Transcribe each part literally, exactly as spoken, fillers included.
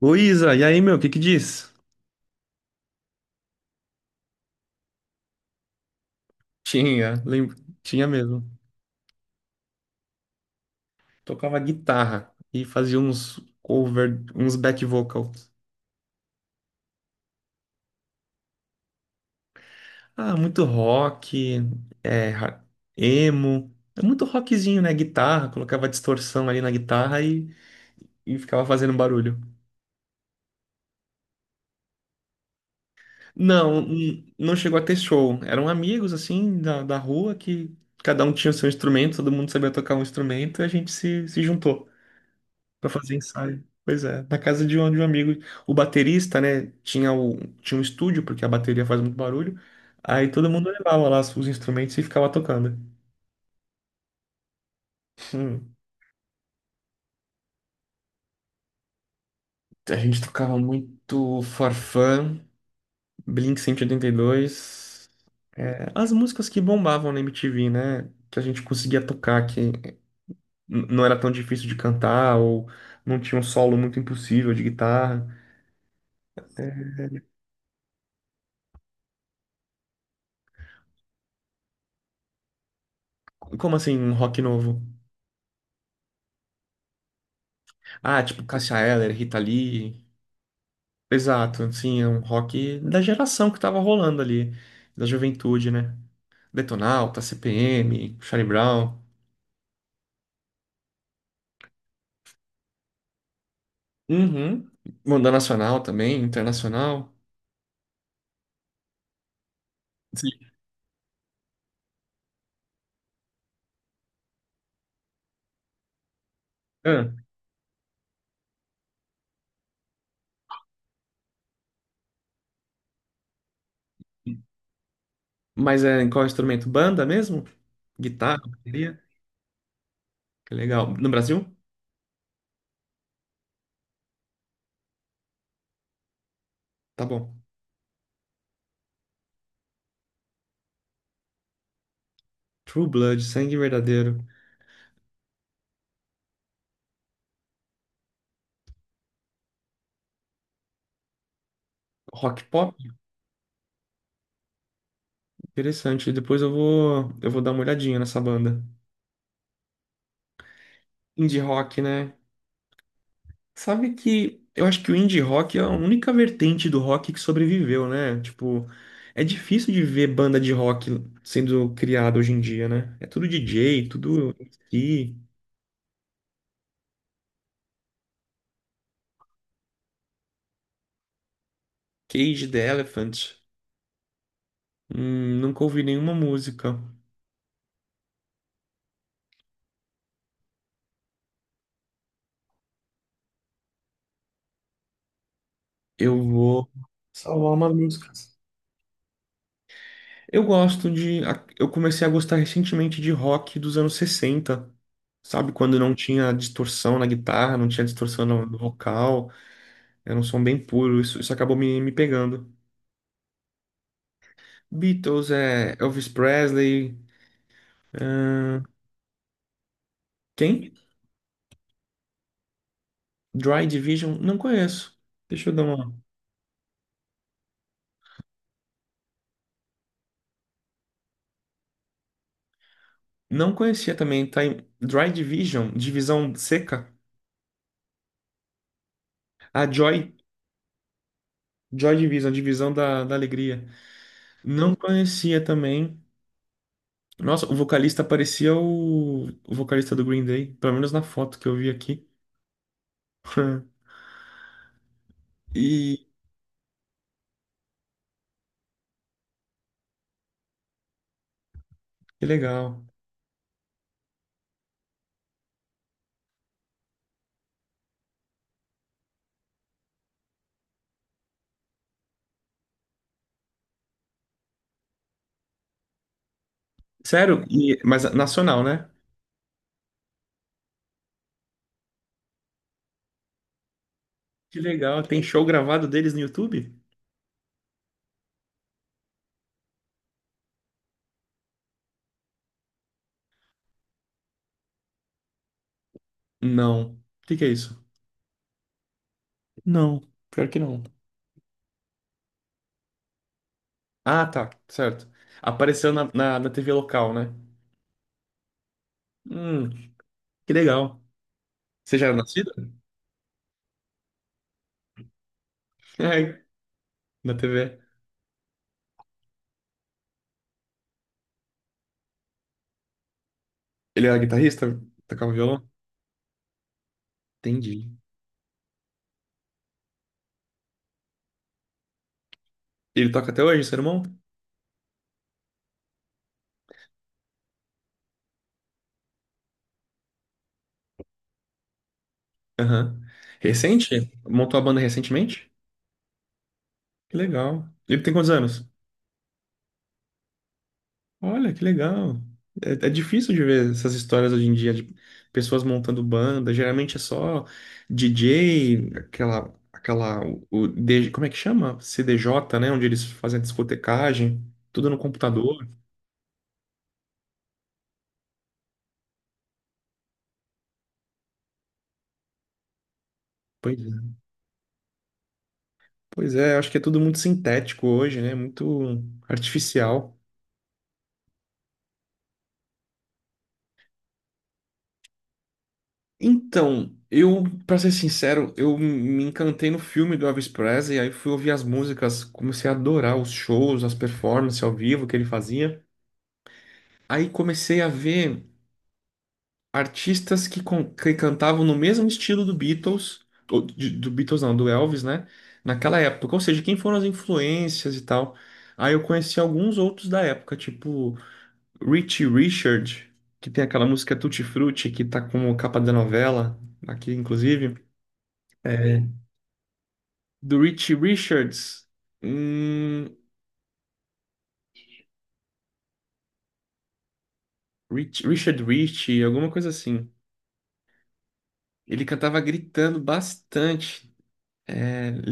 Ô Isa, e aí, meu, o que que diz? Tinha, lembro, tinha mesmo. Tocava guitarra e fazia uns cover, uns back vocals. Ah, muito rock, é, ra- emo, é muito rockzinho, né? Guitarra, colocava distorção ali na guitarra e, e ficava fazendo barulho. Não, n- não chegou a ter show. Eram amigos, assim, da, da rua que cada um tinha o seu instrumento, todo mundo sabia tocar um instrumento e a gente se, se juntou. Pra fazer ensaio. Pois é, na casa de um, de um amigo, o baterista, né, tinha, o, tinha um estúdio, porque a bateria faz muito barulho, aí todo mundo levava lá os instrumentos e ficava tocando. Hum, a gente tocava muito Farfán, Blink cento e oitenta e dois, é, as músicas que bombavam na M T V, né, que a gente conseguia tocar, que n- não era tão difícil de cantar, ou não tinha um solo muito impossível de guitarra. É. Como assim, um rock novo? Ah, tipo Cássia Eller, Rita Lee... Exato, sim, é um rock da geração que tava rolando ali, da juventude, né? Detonauta, C P M, Charlie Brown, uhum. Banda nacional também, internacional. Sim. Ah, mas é em qual instrumento? Banda mesmo? Guitarra, bateria? Que legal. No Brasil? Tá bom. True Blood, Sangue Verdadeiro. Rock pop? Interessante. Depois eu vou, eu vou dar uma olhadinha nessa banda. Indie rock, né? Sabe que eu acho que o indie rock é a única vertente do rock que sobreviveu, né? Tipo, é difícil de ver banda de rock sendo criada hoje em dia, né? É tudo D J, tudo M C, Cage the Elephant. Hum, nunca ouvi nenhuma música. Eu vou salvar uma música. Eu gosto de. a- Eu comecei a gostar recentemente de rock dos anos sessenta. Sabe, quando não tinha distorção na guitarra, não tinha distorção no no vocal, era um som bem puro, isso, isso acabou me, me pegando. Beatles é Elvis Presley. Quem? Dry Division? Não conheço. Deixa eu dar uma. Não conhecia também. Tá em Dry Division, divisão seca. A Joy, Joy Division, divisão da, da alegria. Não conhecia também. Nossa, o vocalista parecia o, o vocalista do Green Day, pelo menos na foto que eu vi aqui. E que legal. Sério? E- mas nacional, né? Que legal. Tem show gravado deles no YouTube? Não. O que que é isso? Não, pior que não. Ah, tá, certo. Apareceu na, na, na T V local, né? Hum, que legal. Você já era nascido? É, na T V. Ele era guitarrista? Tocava violão? Entendi. Ele toca até hoje, seu irmão? Aham. Recente? Montou a banda recentemente? Que legal. Ele tem quantos anos? Olha, que legal. É, é difícil de ver essas histórias hoje em dia de pessoas montando banda. Geralmente é só D J, aquela, aquela, o, o D- como é que chama? C D J, né? Onde eles fazem a discotecagem, tudo no computador. Pois é. Pois é, acho que é tudo muito sintético hoje, né? Muito artificial. Então, eu, pra ser sincero, eu me encantei no filme do Elvis Presley, aí fui ouvir as músicas, comecei a adorar os shows, as performances ao vivo que ele fazia. Aí comecei a ver artistas que, con- que cantavam no mesmo estilo do Beatles, ou de- do Beatles não, do Elvis, né? Naquela época. Ou seja, quem foram as influências e tal. Aí eu conheci alguns outros da época, tipo Richie Richard, que tem aquela música Tutti Frutti, que tá como capa da novela, aqui inclusive. É, do Richie Richards. Hum, Rich- Richard Richie, alguma coisa assim. Ele cantava gritando bastante.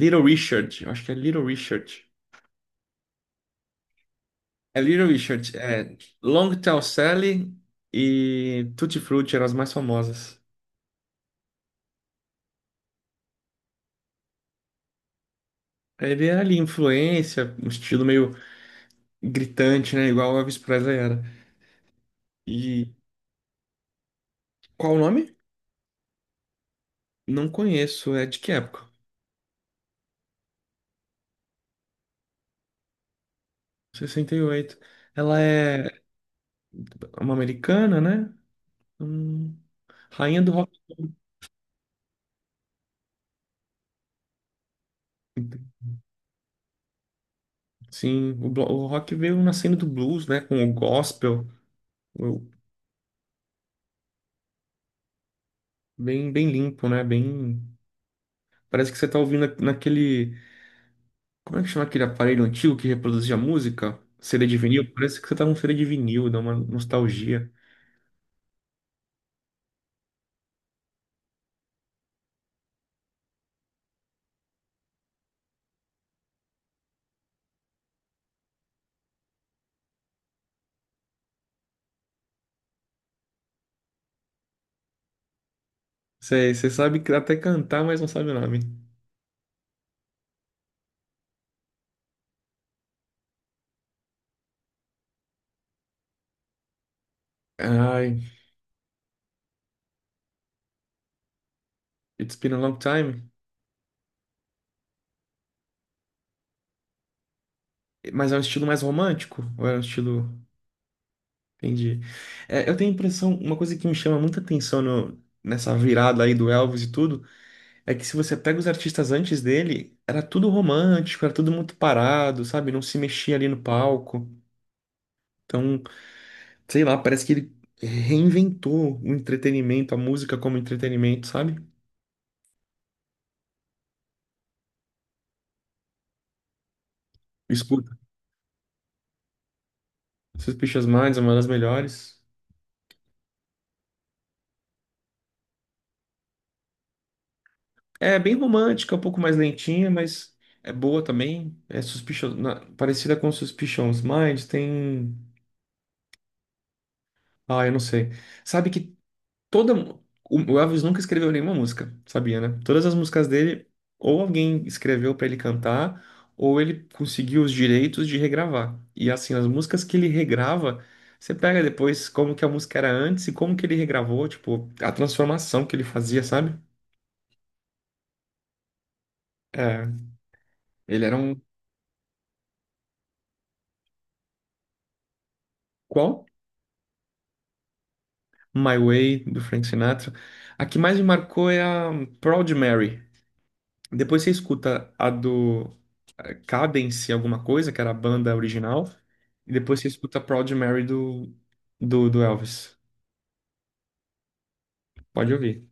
Little Richard, eu acho que é Little Richard. É Little Richard, é Long Tall Sally e Tutti Frutti eram as mais famosas. Ele era ali influência, um estilo meio gritante, né? Igual o Elvis Presley era. E qual o nome? Não conheço, é de que época? sessenta e oito. Ela é uma americana, né? Hum, rainha do rock. Sim, o, blo- o rock veio nascendo do blues, né? Com o gospel, o- bem, bem limpo, né? Bem. Parece que você tá ouvindo na- naquele. Como é que chama aquele aparelho antigo que reproduzia música? C D de vinil? Parece que você tá num C D de vinil, dá uma nostalgia. Você, você sabe que- até cantar, mas não sabe o nome. Ai, It's Been a Long Time. Mas é um estilo mais romântico? Ou é um estilo. Entendi. É, eu tenho a impressão, uma coisa que me chama muita atenção no- nessa virada aí do Elvis e tudo, é que se você pega os artistas antes dele, era tudo romântico, era tudo muito parado, sabe? Não se mexia ali no palco. Então. Sei lá, parece que ele reinventou o entretenimento, a música como entretenimento, sabe? Escuta, Suspicious Minds é uma das melhores. É bem romântica, um pouco mais lentinha, mas é boa também. É Suspicious, na- parecida com Suspicious Minds, tem. Ah, eu não sei. Sabe que toda. O o Elvis nunca escreveu nenhuma música, sabia, né? Todas as músicas dele, ou alguém escreveu pra ele cantar, ou ele conseguiu os direitos de regravar. E assim, as músicas que ele regrava, você pega depois como que a música era antes e como que ele regravou, tipo, a transformação que ele fazia, sabe? É, ele era um. Qual? My Way, do Frank Sinatra. A que mais me marcou é a Proud Mary. Depois você escuta a do Cadence alguma coisa, que era a banda original, e depois você escuta Proud Mary do, do, do Elvis. Pode ouvir.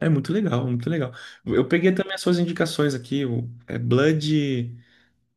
É muito legal, muito legal. Eu peguei também as suas indicações aqui, o é Blood,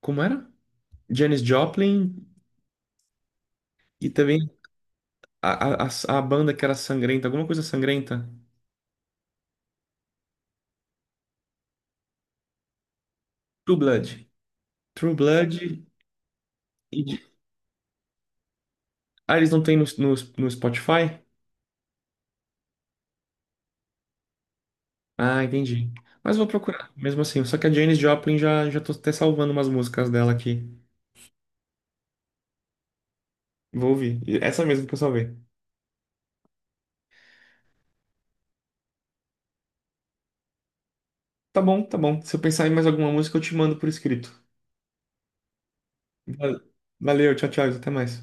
como era? Janis Joplin e também a, a, a a banda que era sangrenta, alguma coisa sangrenta. True Blood. True Blood e... Ah, eles não têm no, no, no Spotify? Ah, entendi. Mas vou procurar, mesmo assim. Só que a Janis Joplin já, já tô até salvando umas músicas dela aqui. Vou ouvir. E essa mesmo que eu salvei. Tá bom, tá bom. Se eu pensar em mais alguma música, eu te mando por escrito. Va- Valeu, tchau, tchau. Até mais.